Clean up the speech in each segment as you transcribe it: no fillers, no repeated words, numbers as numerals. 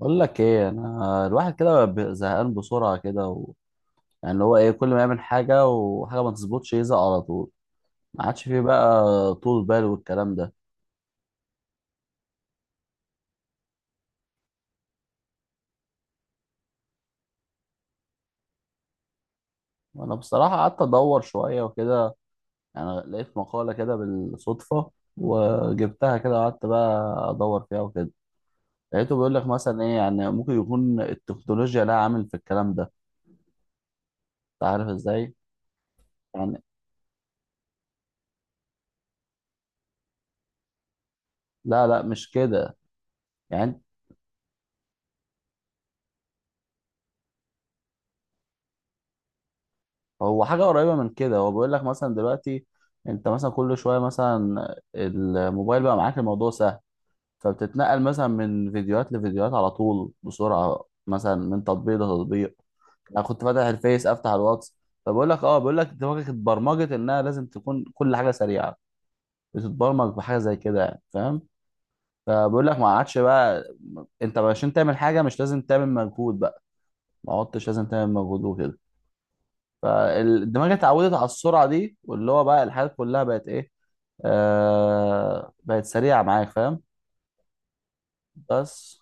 بقول لك ايه، انا الواحد كده زهقان بسرعه كده يعني اللي هو ايه، كل ما يعمل حاجه وحاجه ما تظبطش يزهق على طول. ما عادش فيه بقى طول بال والكلام ده. وانا بصراحه قعدت ادور شويه وكده، يعني لقيت مقاله كده بالصدفه وجبتها كده وقعدت بقى ادور فيها وكده. لقيته بيقول لك مثلا ايه، يعني ممكن يكون التكنولوجيا لها عامل في الكلام ده. انت عارف ازاي؟ يعني لا لا، مش كده يعني. هو حاجة قريبة من كده. هو بيقول لك مثلا دلوقتي انت مثلا كل شوية مثلا الموبايل بقى معاك الموضوع سهل، فبتتنقل مثلا من فيديوهات لفيديوهات على طول بسرعة، مثلا من تطبيق لتطبيق. انا كنت فاتح الفيس افتح الواتس. فبقول لك اه، بقول لك دماغك اتبرمجت انها لازم تكون كل حاجة سريعة. بتتبرمج بحاجة زي كده، يعني فاهم. فبقول لك ما عادش بقى انت عشان تعمل حاجة مش لازم تعمل مجهود بقى. ما عدتش لازم تعمل مجهود وكده. فالدماغ اتعودت على السرعه دي، واللي هو بقى الحاجات كلها بقت ايه، بقت سريعه معاك، فاهم؟ بس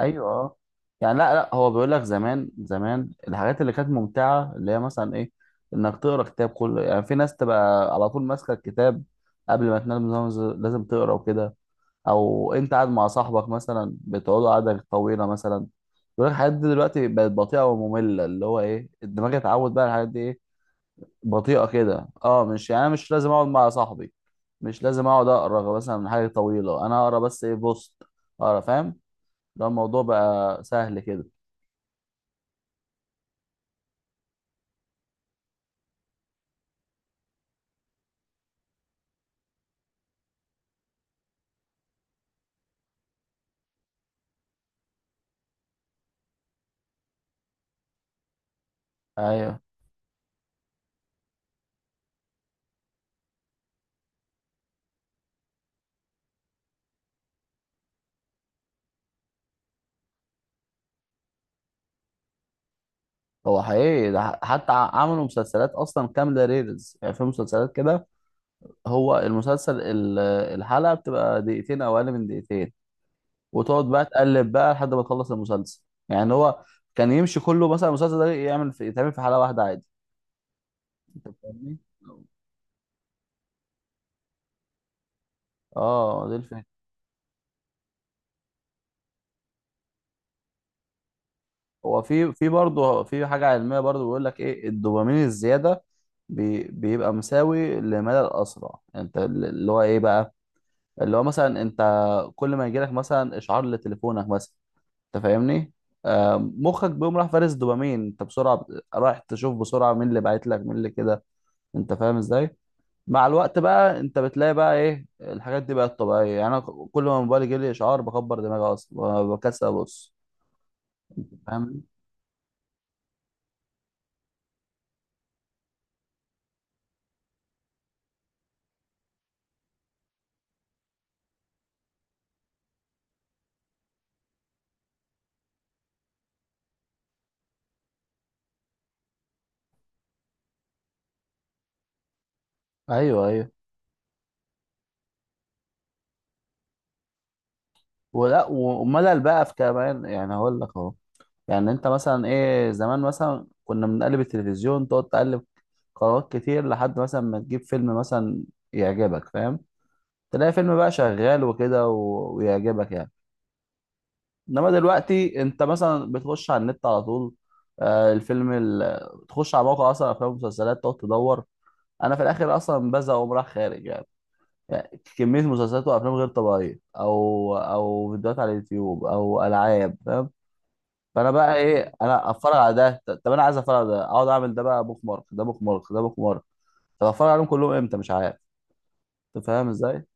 ايوه اه. يعني لا لا، هو بيقول لك زمان زمان الحاجات اللي كانت ممتعه اللي هي مثلا ايه، انك تقرا كتاب كله، يعني في ناس تبقى على طول ماسكه الكتاب قبل ما تنام، لازم تقرا وكده. او انت قاعد مع صاحبك مثلا بتقعدوا قعده طويله مثلا. بيقول لك الحاجات دي دلوقتي بقت بطيئه وممله، اللي هو ايه، الدماغ اتعود بقى على الحاجات دي بطيئة كده اه. مش يعني أنا مش لازم اقعد مع صاحبي، مش لازم اقعد اقرا مثلا من حاجة طويلة، انا اقرا بس ايه، بوست اقرا، فاهم؟ ده الموضوع بقى سهل كده. ايوه. هو حقيقي ده، حتى عملوا مسلسلات اصلا كاملة ريلز، يعني في مسلسلات كده. هو المسلسل الحلقة بتبقى دقيقتين او اقل من دقيقتين، وتقعد بقى تقلب بقى لحد ما تخلص المسلسل. يعني هو كان يمشي كله مثلا، المسلسل ده يعمل في يتعمل في حلقة واحدة عادي. انت فاهمني؟ اه دي الفكرة. هو في في برضه في حاجة علمية برضه، بيقول لك ايه، الدوبامين الزيادة بيبقى مساوي لمدى الأسرع. يعني انت اللي هو ايه بقى، اللي هو مثلا انت كل ما يجيلك مثلا اشعار لتليفونك مثلا، انت فاهمني، مخك بيقوم راح فارس دوبامين، انت بسرعة رايح تشوف بسرعة مين اللي بعت لك، مين اللي كده، انت فاهم ازاي؟ مع الوقت بقى انت بتلاقي بقى ايه، الحاجات دي بقت طبيعية. يعني انا كل ما موبايلي يجيلي اشعار بكبر دماغي اصلا، بكسل ابص، فاهم؟ ايوه ايوه. ولا وملل بقى في كمان، يعني هقول لك اهو. يعني انت مثلا ايه، زمان مثلا كنا بنقلب التلفزيون، تقعد تقلب قنوات كتير لحد مثلا ما تجيب فيلم مثلا يعجبك، فاهم؟ تلاقي فيلم بقى شغال وكده ويعجبك يعني. انما دلوقتي انت مثلا بتخش على النت على طول. الفيلم تخش على موقع اصلا افلام ومسلسلات، تقعد تدور. انا في الاخر اصلا بزهق واقوم رايح خارج يعني. يعني كمية مسلسلات وافلام غير طبيعية، او او فيديوهات على اليوتيوب او العاب، فاهم؟ فانا بقى ايه، انا اتفرج على ده، طب انا عايز اتفرج على ده، اقعد اعمل ده بقى بوك مارك، ده بوك مارك، ده بوك مارك. طب اتفرج عليهم كلهم امتى؟ مش عارف. انت فاهم ازاي؟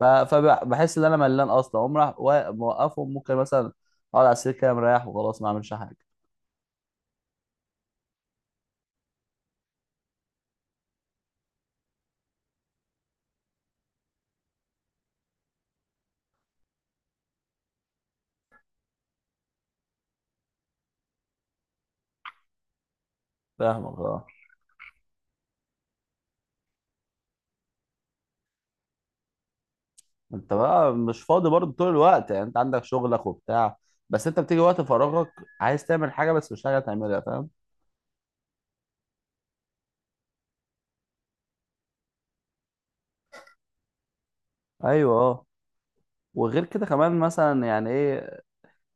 فبحس ان انا ملان اصلا، اقوم راح موقفهم ممكن مثلا اقعد على السرير كده مريح وخلاص ما اعملش حاجه. فاهمك اه. انت بقى مش فاضي برضه طول الوقت، يعني انت عندك شغلك وبتاع، بس انت بتيجي وقت فراغك عايز تعمل حاجه بس مش حاجه تعملها، فاهم؟ ايوه اه. وغير كده كمان مثلا، يعني ايه،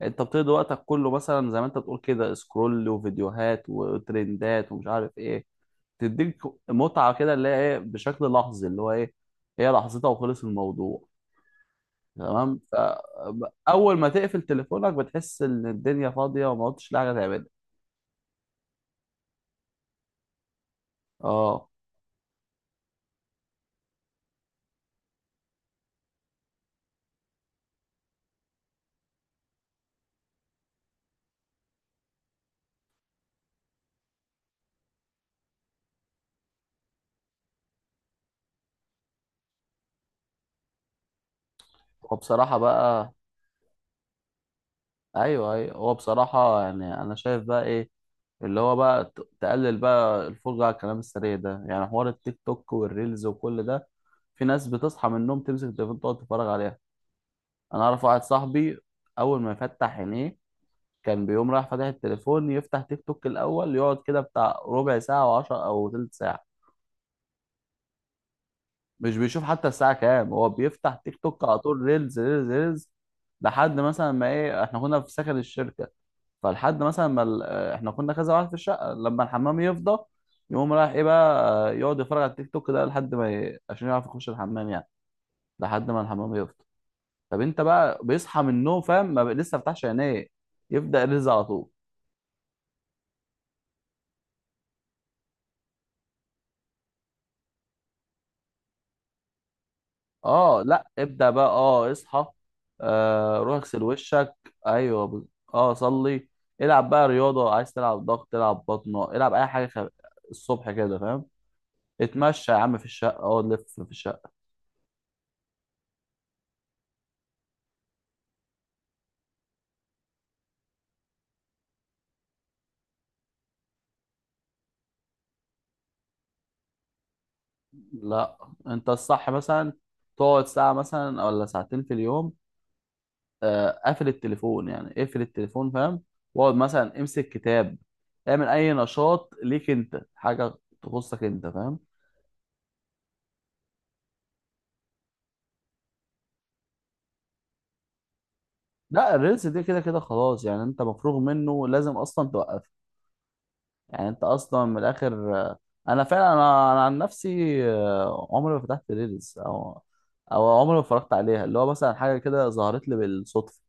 انت بتقضي وقتك كله مثلا زي ما انت بتقول كده، سكرول وفيديوهات وترندات ومش عارف ايه، تديك متعة كده اللي هي ايه، بشكل لحظي، اللي هو ايه، هي لحظتها وخلص الموضوع، تمام؟ فأول ما تقفل تليفونك بتحس ان الدنيا فاضية وما قلتش حاجة تعملها. اه. هو بصراحة بقى، ايوه ايوه، هو بصراحة يعني انا شايف بقى ايه، اللي هو بقى تقلل بقى الفرجة على الكلام السريع ده، يعني حوار التيك توك والريلز وكل ده. في ناس بتصحى من النوم تمسك التليفون تقعد تتفرج عليها. انا اعرف واحد صاحبي اول ما يفتح عينيه كان بيقوم رايح فاتح التليفون، يفتح تيك توك الاول يقعد كده بتاع ربع ساعه وعشر او تلت ساعه. مش بيشوف حتى الساعه كام، هو بيفتح تيك توك على طول، ريلز ريلز ريلز، لحد مثلا ما ايه، احنا كنا في سكن الشركه، فلحد مثلا ما احنا كنا كذا واحد في الشقه، لما الحمام يفضى يقوم رايح ايه بقى، يقعد يتفرج على التيك توك ده لحد ما عشان يعرف يخش الحمام، يعني لحد ما الحمام يفضى. طب انت بقى بيصحى من النوم، فاهم، ما بقى لسه فتحش عينيه يبدا يرز على طول. اه لا، ابدا بقى، اه اصحى، روح اغسل وشك. ايوه اه صلي، العب بقى رياضه، عايز تلعب ضغط، العب بطنه، العب اي حاجه الصبح كده، فاهم؟ اتمشى يا عم في الشقه، اقعد لف في الشقه. لا انت الصح مثلا تقعد ساعه مثلا ولا ساعتين في اليوم. قفل التليفون، يعني اقفل التليفون، فاهم؟ واقعد مثلا امسك كتاب، اعمل اي نشاط ليك انت، حاجه تخصك انت، فاهم؟ لا الريلز دي كده كده خلاص، يعني انت مفروغ منه، لازم اصلا توقف. يعني انت اصلا من الاخر انا فعلا أنا عن نفسي عمري ما فتحت ريلز، او او عمري ما اتفرجت عليها، اللي هو مثلا حاجه كده ظهرت لي بالصدفه،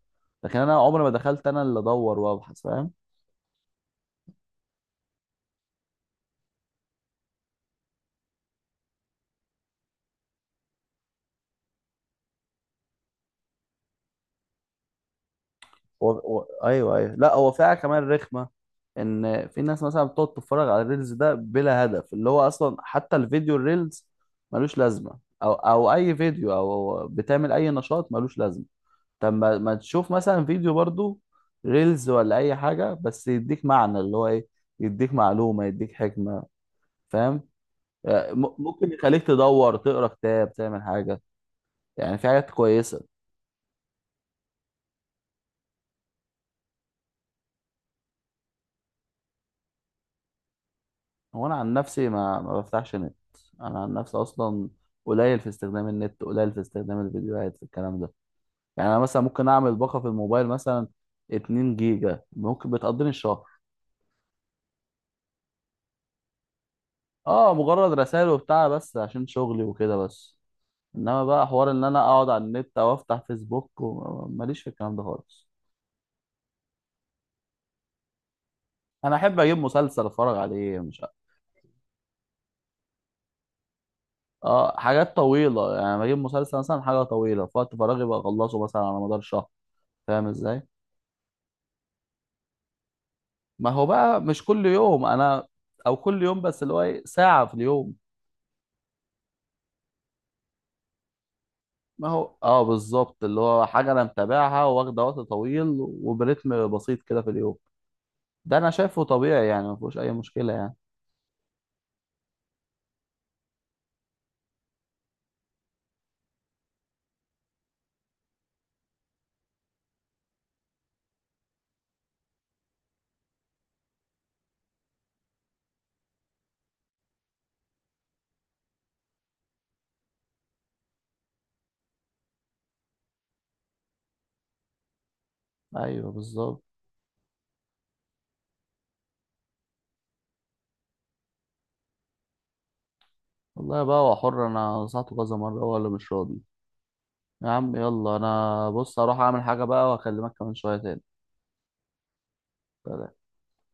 لكن انا عمري ما دخلت انا اللي ادور وابحث، فاهم؟ ايوه ايوه. لا هو فيها كمان رخمه، ان في ناس مثلا بتقعد تتفرج على الريلز ده بلا هدف، اللي هو اصلا حتى الفيديو الريلز ملوش لازمه، او او اي فيديو، او بتعمل اي نشاط ملوش لازمه. طب ما تشوف مثلا فيديو برضو، ريلز ولا اي حاجه، بس يديك معنى، اللي هو ايه، يديك معلومه يديك حكمه، فاهم؟ ممكن يخليك تدور تقرا كتاب تعمل حاجه. يعني في حاجات كويسه. هو انا عن نفسي ما بفتحش نت، انا عن نفسي اصلا قليل في استخدام النت، قليل في استخدام الفيديوهات في الكلام ده. يعني انا مثلا ممكن اعمل باقه في الموبايل مثلا 2 جيجا ممكن بتقضيني الشهر. اه مجرد رسائل وبتاع بس عشان شغلي وكده بس. انما بقى حوار ان انا اقعد على النت او افتح فيسبوك ماليش في الكلام ده خالص. انا احب اجيب مسلسل اتفرج عليه، مش عارف. اه حاجات طويله، يعني بجيب مسلسل مثلا حاجه طويله في وقت فراغي، بخلصه مثلا على مدار شهر، فاهم ازاي؟ ما هو بقى مش كل يوم، انا او كل يوم بس اللي هو ايه، ساعة في اليوم. ما هو اه بالظبط، اللي هو حاجة انا متابعها، واخدة وقت طويل وبرتم بسيط كده في اليوم، ده انا شايفه طبيعي يعني، ما فيهوش اي مشكلة يعني. ايوه بالظبط. والله بقى هو حر، انا نصحته كذا مرة هو اللي مش راضي. يا عم يلا، انا بص اروح اعمل حاجة بقى واكلمك كمان شوية تاني.